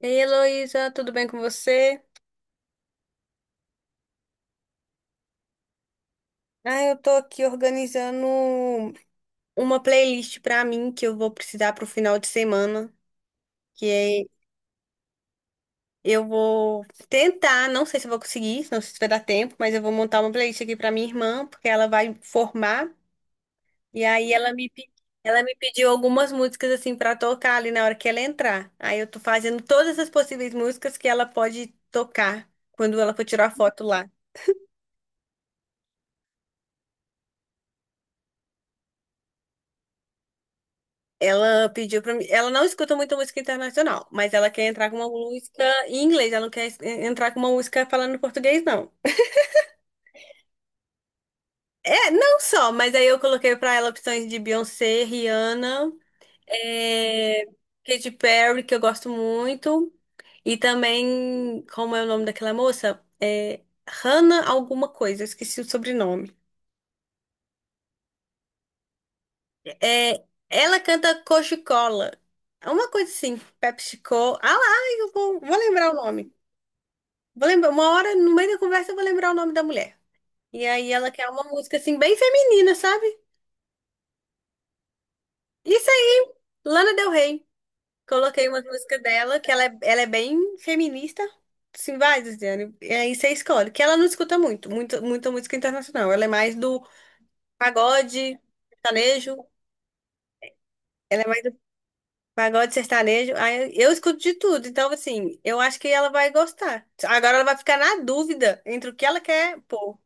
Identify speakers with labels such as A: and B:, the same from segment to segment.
A: Ei, Heloísa, tudo bem com você? Eu tô aqui organizando uma playlist pra mim que eu vou precisar pro final de semana, que é- eu vou tentar, não sei se eu vou conseguir, não sei se vai dar tempo, mas eu vou montar uma playlist aqui pra minha irmã, porque ela vai formar, e aí ela me pediu algumas músicas assim pra tocar ali na hora que ela entrar. Aí eu tô fazendo todas as possíveis músicas que ela pode tocar quando ela for tirar foto lá. Ela pediu pra mim. Ela não escuta muita música internacional, mas ela quer entrar com uma música em inglês. Ela não quer entrar com uma música falando em português, não. É, não só, mas aí eu coloquei pra ela opções de Beyoncé, Rihanna, é, Katy Perry, que eu gosto muito. E também, como é o nome daquela moça? Hannah alguma coisa, eu esqueci o sobrenome. É, ela canta Coca-Cola. É uma coisa assim, PepsiCo. Ah lá, vou lembrar o nome. Vou lembrar, uma hora, no meio da conversa, eu vou lembrar o nome da mulher. E aí ela quer uma música assim, bem feminina, sabe? Isso aí, Lana Del Rey. Coloquei uma música dela, ela é bem feminista. Sim, vai, Luciane. E aí você escolhe. Que ela não escuta muito, muito, muita música internacional. Ela é mais do pagode, sertanejo. Ela é mais do pagode sertanejo. Aí eu escuto de tudo. Então, assim, eu acho que ela vai gostar. Agora ela vai ficar na dúvida entre o que ela quer pôr.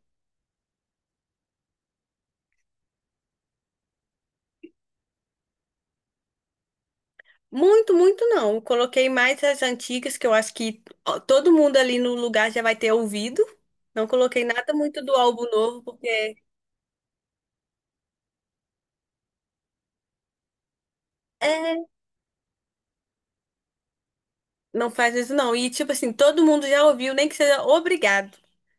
A: Muito, muito não. Eu coloquei mais as antigas, que eu acho que ó, todo mundo ali no lugar já vai ter ouvido. Não coloquei nada muito do álbum novo, porque é, não faz isso não. E tipo assim, todo mundo já ouviu, nem que seja obrigado.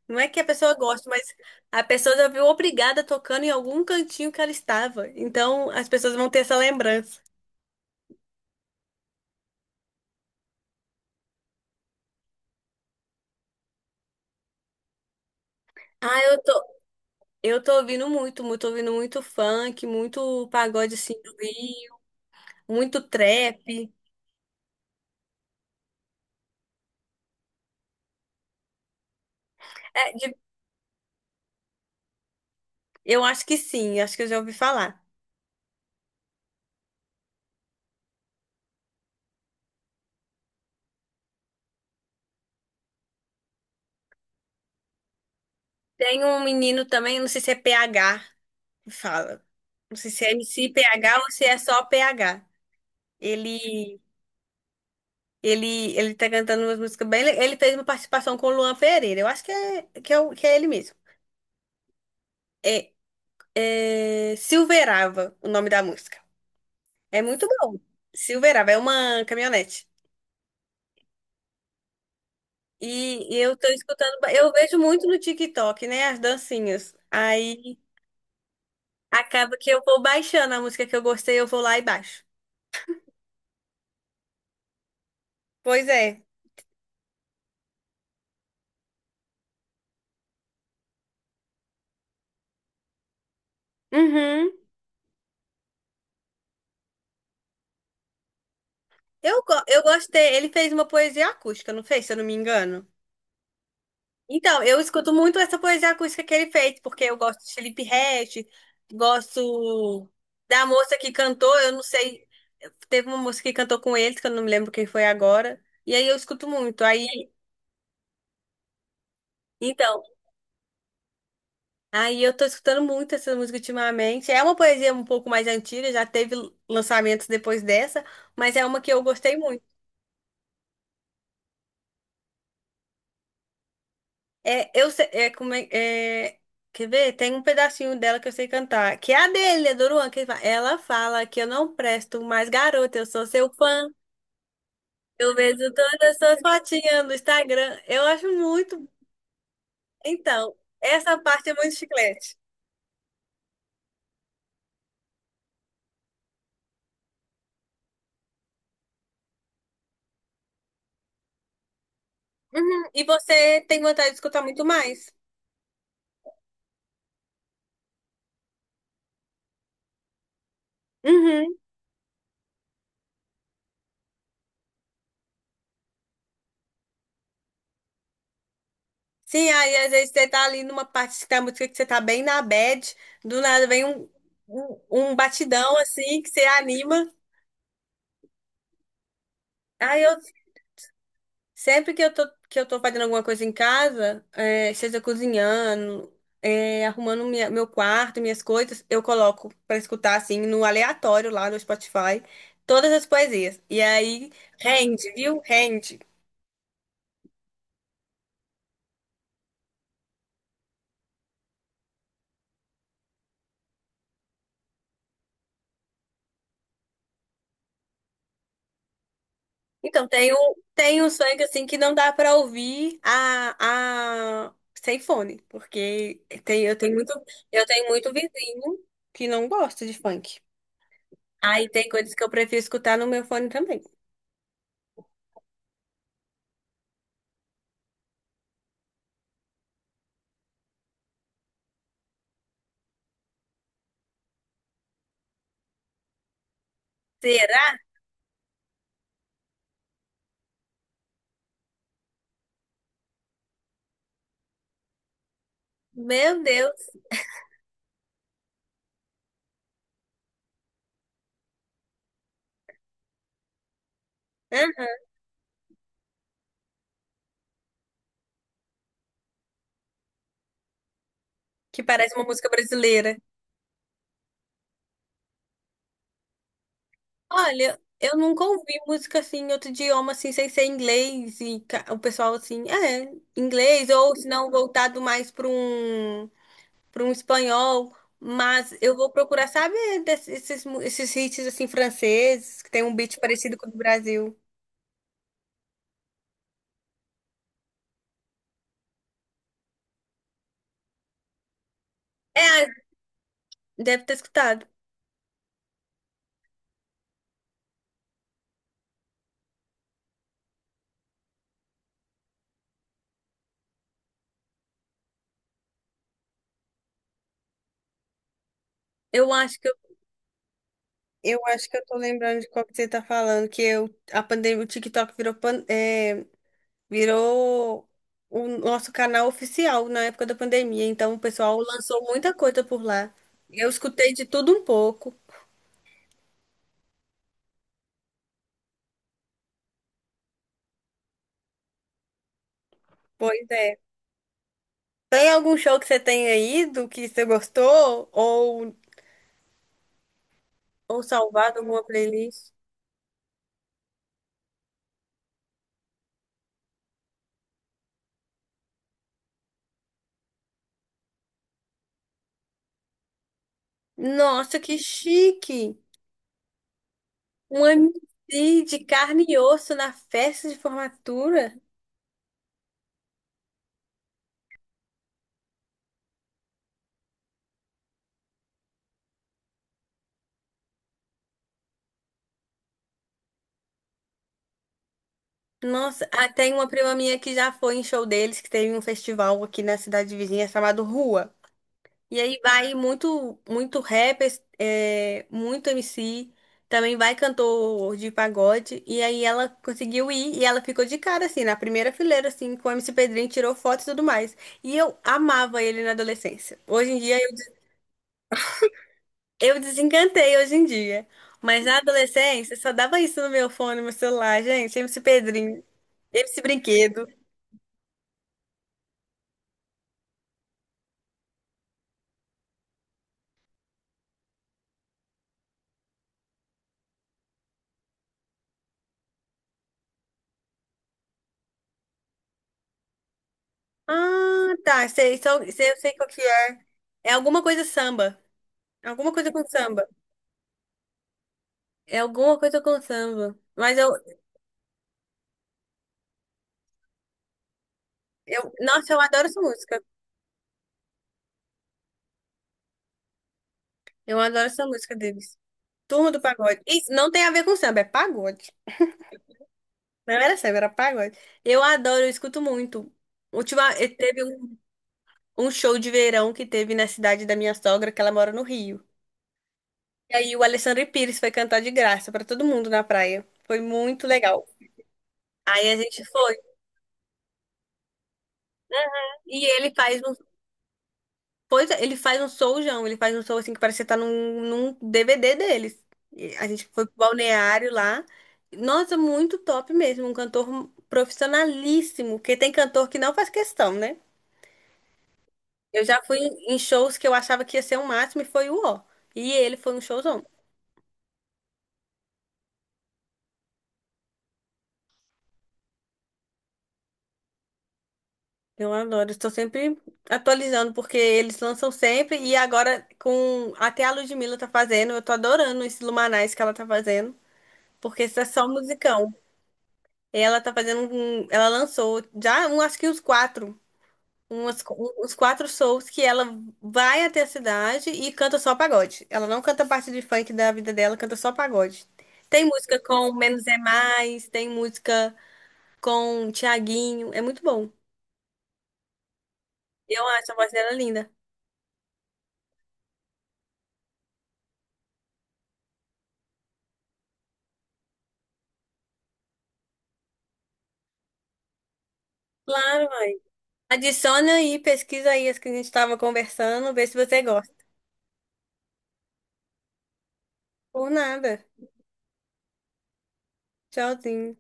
A: Não é que a pessoa goste, mas a pessoa já viu obrigada tocando em algum cantinho que ela estava. Então as pessoas vão ter essa lembrança. Ah, eu tô, eu tô ouvindo muito, muito, ouvindo muito funk, muito pagode assim do Rio, muito trap. É, Eu acho que sim, acho que eu já ouvi falar. Tem um menino também, não sei se é PH, que fala. Não sei se é MC PH ou se é só PH. Ele, ele tá cantando umas músicas bem. Ele fez uma participação com o Luan Pereira. Eu acho que é ele mesmo. É, é Silverava, o nome da música. É muito bom. Silverava, é uma caminhonete. E eu tô escutando, eu vejo muito no TikTok, né, as dancinhas. Aí acaba que eu vou baixando a música que eu gostei, eu vou lá e baixo. Pois é. Uhum. Eu gostei. Ele fez uma poesia acústica, não fez, se eu não me engano? Então, eu escuto muito essa poesia acústica que ele fez, porque eu gosto de Felipe Ret, gosto da moça que cantou, eu não sei. Teve uma moça que cantou com eles, que eu não me lembro quem foi agora. E aí eu escuto muito. Aí, então. Aí eu tô escutando muito essa música ultimamente. É uma poesia um pouco mais antiga, já teve lançamentos depois dessa, mas é uma que eu gostei muito. É, eu sei, é, como é, é- quer ver? Tem um pedacinho dela que eu sei cantar, que é a dele, é do Luan, ela fala que eu não presto mais garota, eu sou seu fã. Eu vejo todas as suas fotinhas no Instagram. Eu acho muito. Então, essa parte é muito chiclete. Uhum. E você tem vontade de escutar muito mais? Uhum. Sim, aí às vezes você tá ali numa parte da música que você tá bem na bad, do nada vem um batidão assim que você anima. Aí eu sempre que eu tô fazendo alguma coisa em casa, é, seja cozinhando, é, arrumando meu quarto, minhas coisas, eu coloco pra escutar assim no aleatório lá no Spotify todas as poesias. E aí rende, viu? Rende. Então, tem um funk assim que não dá pra ouvir a... sem fone, porque tem, eu tenho muito vizinho que não gosta de funk. Aí tem coisas que eu prefiro escutar no meu fone também. Será? Meu Deus. Aham. Que parece uma música brasileira. Olha, eu nunca ouvi música assim em outro idioma, assim, sem ser inglês e o pessoal assim, "Ah, é, inglês, ou se não voltado mais para um. Para um espanhol, mas eu vou procurar, sabe, esses hits assim franceses, que tem um beat parecido com o do Brasil. É, deve ter escutado. Eu acho que eu, eu acho que eu tô lembrando de qual que você tá falando, a pandemia, o TikTok virou, pan- é, virou o nosso canal oficial na época da pandemia, então o pessoal lançou muita coisa por lá. Eu escutei de tudo um pouco. Pois é. Tem algum show que você tenha ido que você gostou? Ou salvado alguma playlist. Nossa, que chique! Um MC de carne e osso na festa de formatura. Nossa, ah, tem uma prima minha que já foi em show deles, que teve um festival aqui na cidade vizinha chamado Rua. E aí vai muito, muito rap, é, muito MC, também vai cantor de pagode. E aí ela conseguiu ir e ela ficou de cara, assim, na primeira fileira, assim, com o MC Pedrinho, tirou foto e tudo mais. E eu amava ele na adolescência. Hoje em dia eu desencantei hoje em dia. Mas na adolescência só dava isso no meu fone, no meu celular, gente. MC Pedrinho, MC Brinquedo. Ah, tá. Sei, eu sei qual que é. É alguma coisa samba. Alguma coisa com samba. É alguma coisa com samba. Nossa, eu adoro essa música. Eu adoro essa música deles. Turma do Pagode. Isso não tem a ver com samba, é pagode. Não era samba, era pagode. Eu adoro, eu escuto muito. Última, teve um show de verão que teve na cidade da minha sogra, que ela mora no Rio. E aí o Alexandre Pires foi cantar de graça pra todo mundo na praia. Foi muito legal. Aí a gente foi. E ele faz um, pois é, ele faz um showzão, ele faz um show assim que parece que você tá num DVD deles. E a gente foi pro balneário lá. Nossa, muito top mesmo, um cantor profissionalíssimo, porque tem cantor que não faz questão, né? Eu já fui em shows que eu achava que ia ser o máximo e foi o ó. E ele foi um showzão. Eu adoro, estou sempre atualizando, porque eles lançam sempre, e agora com até a Ludmilla tá fazendo, eu tô adorando esse Lumanais que ela tá fazendo, porque isso é só musicão. Ela lançou já um, acho que uns quatro, umas, uns quatro shows que ela vai até a cidade e canta só pagode. Ela não canta parte de funk da vida dela, canta só pagode. Tem música com Menos é Mais, tem música com Tiaguinho, é muito bom. Eu acho a voz dela linda. Claro, adiciona aí, pesquisa aí as que a gente estava conversando, vê se você gosta. Por nada. Tchauzinho.